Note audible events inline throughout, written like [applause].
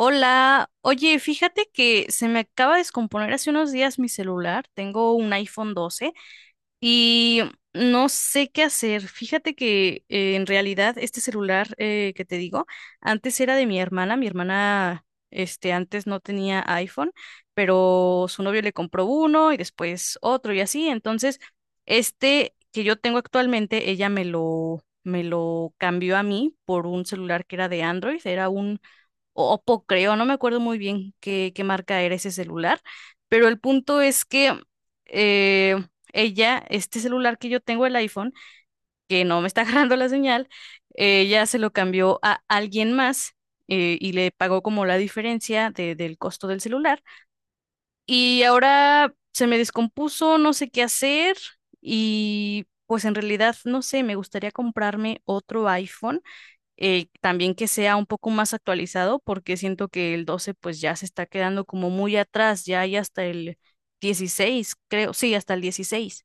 Hola, oye, fíjate que se me acaba de descomponer hace unos días mi celular, tengo un iPhone 12 y no sé qué hacer. Fíjate que en realidad este celular que te digo, antes era de mi hermana, antes no tenía iPhone, pero su novio le compró uno y después otro y así, entonces este que yo tengo actualmente, ella me lo cambió a mí por un celular que era de Android, era un o Oppo creo, no me acuerdo muy bien qué marca era ese celular, pero el punto es que eh, ella, este celular que yo tengo, el iPhone, que no me está [laughs] agarrando la señal, ella se lo cambió a alguien más. Y le pagó como la diferencia del costo del celular. Y ahora se me descompuso, no sé qué hacer y pues en realidad no sé, me gustaría comprarme otro iPhone también que sea un poco más actualizado, porque siento que el 12 pues ya se está quedando como muy atrás, ya hay hasta el 16, creo, sí, hasta el 16.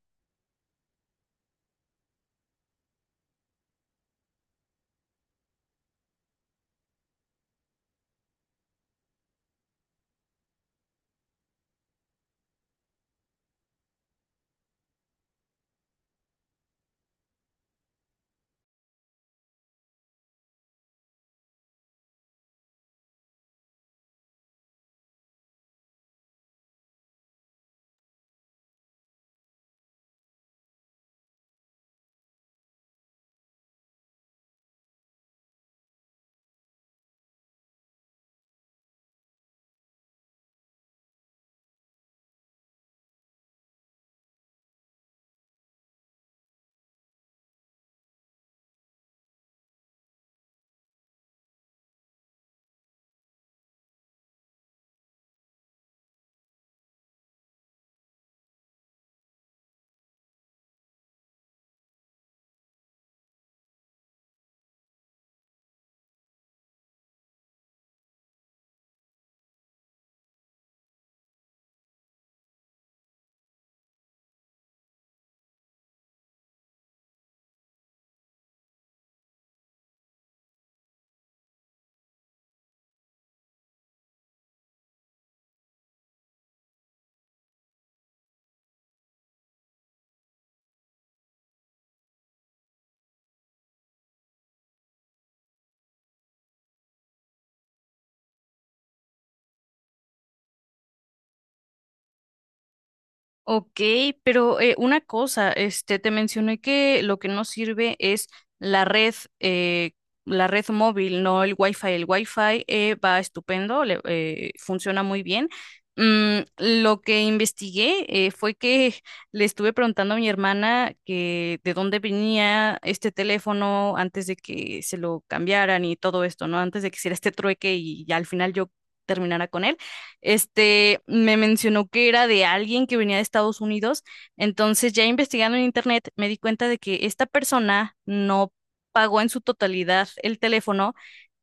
Ok, pero una cosa, te mencioné que lo que no sirve es la red, eh, la red móvil, no el Wi-Fi. El Wi-Fi va estupendo, funciona muy bien. Lo que investigué fue que [laughs] le estuve preguntando a mi hermana que de dónde venía este teléfono antes de que se lo cambiaran y todo esto, ¿no? Antes de que hiciera este trueque y ya al final yo terminara con él, me mencionó que era de alguien que venía de Estados Unidos. Entonces, ya investigando en internet, me di cuenta de que esta persona no pagó en su totalidad el teléfono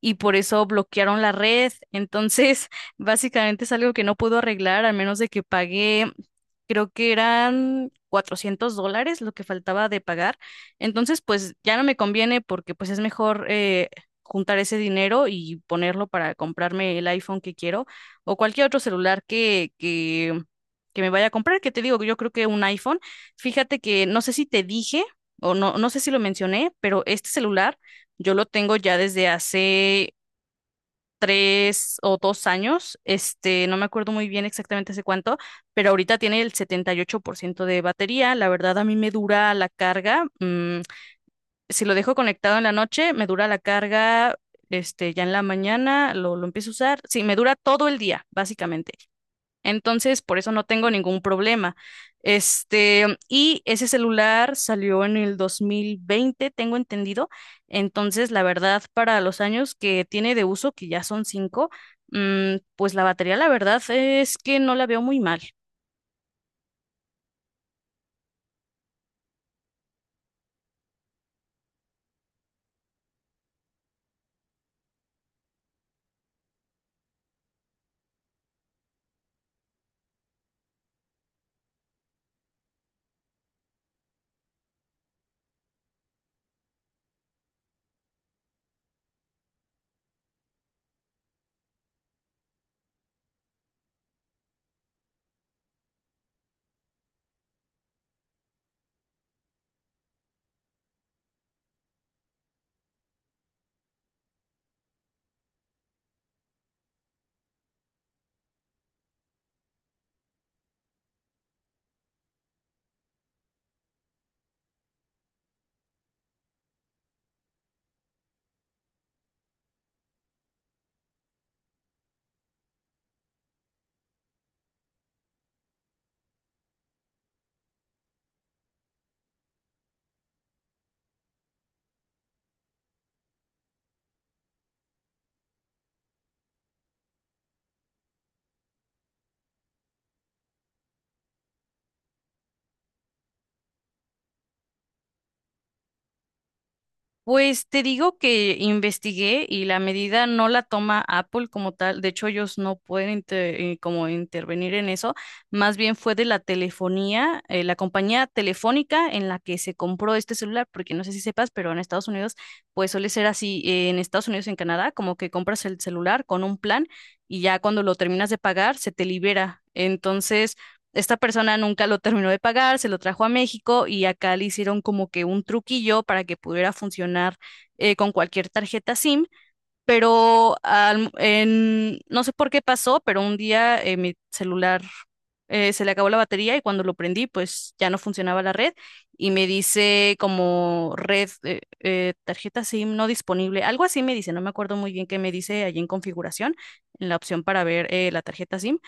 y por eso bloquearon la red. Entonces, [laughs] básicamente es algo que no pudo arreglar, al menos de que pagué, creo que eran $400 lo que faltaba de pagar. Entonces, pues ya no me conviene porque pues es mejor juntar ese dinero y ponerlo para comprarme el iPhone que quiero o cualquier otro celular que me vaya a comprar, que te digo, que yo creo que un iPhone, fíjate que no sé si te dije o no, no sé si lo mencioné, pero este celular yo lo tengo ya desde hace tres o dos años, no me acuerdo muy bien exactamente hace cuánto, pero ahorita tiene el 78% de batería, la verdad a mí me dura la carga, si lo dejo conectado en la noche, me dura la carga. Ya en la mañana lo empiezo a usar. Sí, me dura todo el día, básicamente. Entonces, por eso no tengo ningún problema. Y ese celular salió en el 2020, tengo entendido. Entonces, la verdad, para los años que tiene de uso, que ya son cinco, pues la batería, la verdad es que no la veo muy mal. Pues te digo que investigué y la medida no la toma Apple como tal. De hecho, ellos no pueden como intervenir en eso. Más bien fue de la telefonía, la compañía telefónica en la que se compró este celular, porque no sé si sepas, pero en Estados Unidos, pues suele ser así. En Estados Unidos y en Canadá, como que compras el celular con un plan y ya cuando lo terminas de pagar, se te libera. Entonces esta persona nunca lo terminó de pagar, se lo trajo a México y acá le hicieron como que un truquillo para que pudiera funcionar con cualquier tarjeta SIM, pero no sé por qué pasó, pero un día mi celular se le acabó la batería y cuando lo prendí, pues ya no funcionaba la red y me dice como red, tarjeta SIM no disponible, algo así me dice, no me acuerdo muy bien qué me dice allí en configuración, en la opción para ver la tarjeta SIM.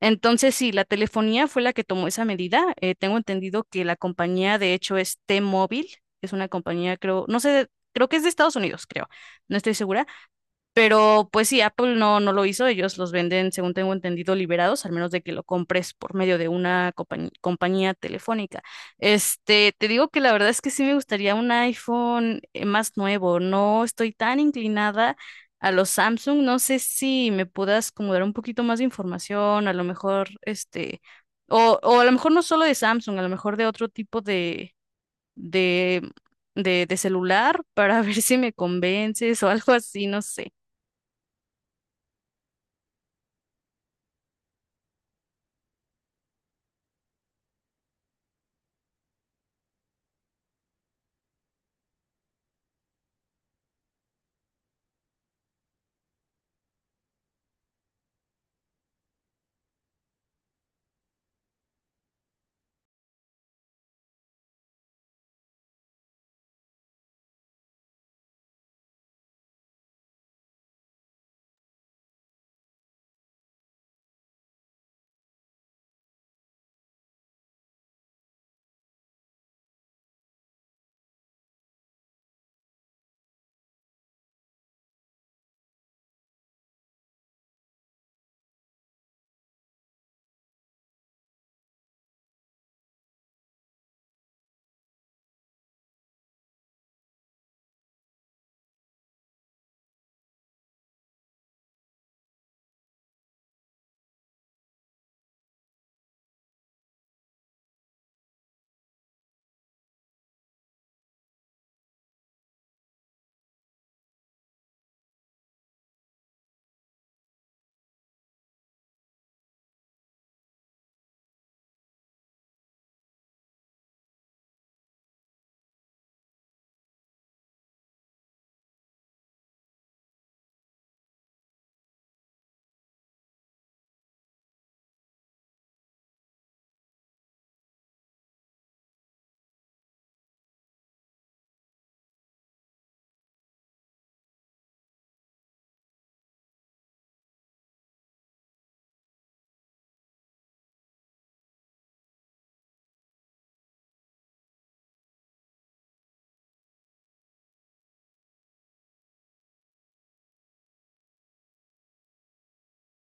Entonces, sí, la telefonía fue la que tomó esa medida. Tengo entendido que la compañía, de hecho, es T-Mobile, es una compañía, creo, no sé, creo que es de Estados Unidos, creo, no estoy segura, pero pues sí, Apple no, no lo hizo, ellos los venden, según tengo entendido, liberados, al menos de que lo compres por medio de una compañía telefónica. Te digo que la verdad es que sí me gustaría un iPhone más nuevo, no estoy tan inclinada a los Samsung, no sé si me puedas como dar un poquito más de información, a lo mejor, o a lo mejor no solo de Samsung, a lo mejor de otro tipo de, de celular para [laughs] ver si me convences o algo así, no sé.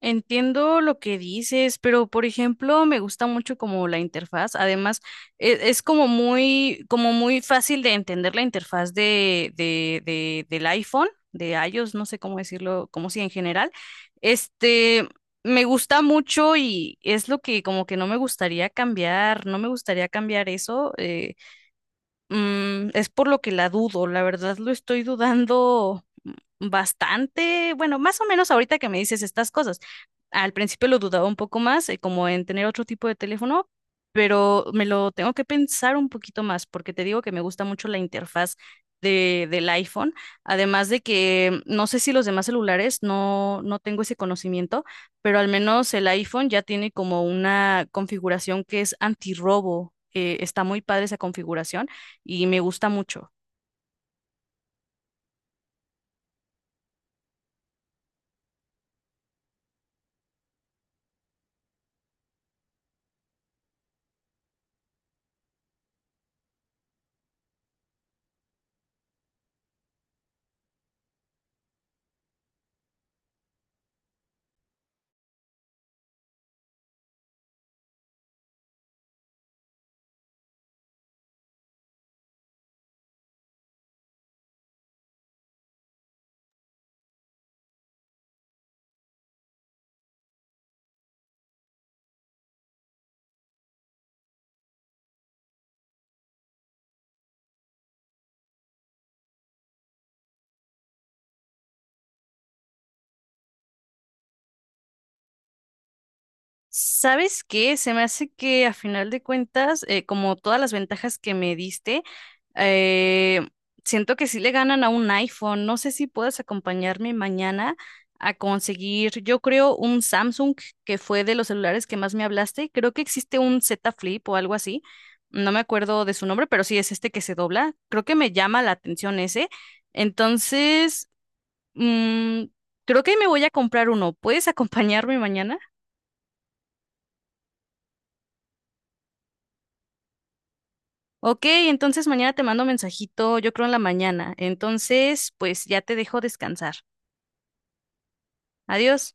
Entiendo lo que dices, pero por ejemplo, me gusta mucho como la interfaz. Además, es, como muy fácil de entender la interfaz del iPhone, de iOS, no sé cómo decirlo, como si en general. Este, me gusta mucho y es lo que como que no me gustaría cambiar, no me gustaría cambiar eso. Es por lo que la dudo, la verdad lo estoy dudando bastante, bueno, más o menos ahorita que me dices estas cosas. Al principio lo dudaba un poco más, como en tener otro tipo de teléfono, pero me lo tengo que pensar un poquito más porque te digo que me gusta mucho la interfaz del iPhone, además de que no sé si los demás celulares no, no tengo ese conocimiento, pero al menos el iPhone ya tiene como una configuración que es antirrobo. Está muy padre esa configuración y me gusta mucho. ¿Sabes qué? Se me hace que a final de cuentas, como todas las ventajas que me diste, eh, siento que sí le ganan a un iPhone. No sé si puedes acompañarme mañana a conseguir, yo creo, un Samsung que fue de los celulares que más me hablaste. Creo que existe un Z Flip o algo así. No me acuerdo de su nombre, pero sí es este que se dobla. Creo que me llama la atención ese. Entonces, mm, creo que me voy a comprar uno. ¿Puedes acompañarme mañana? Ok, entonces mañana te mando mensajito, yo creo en la mañana. Entonces, pues ya te dejo descansar. Adiós.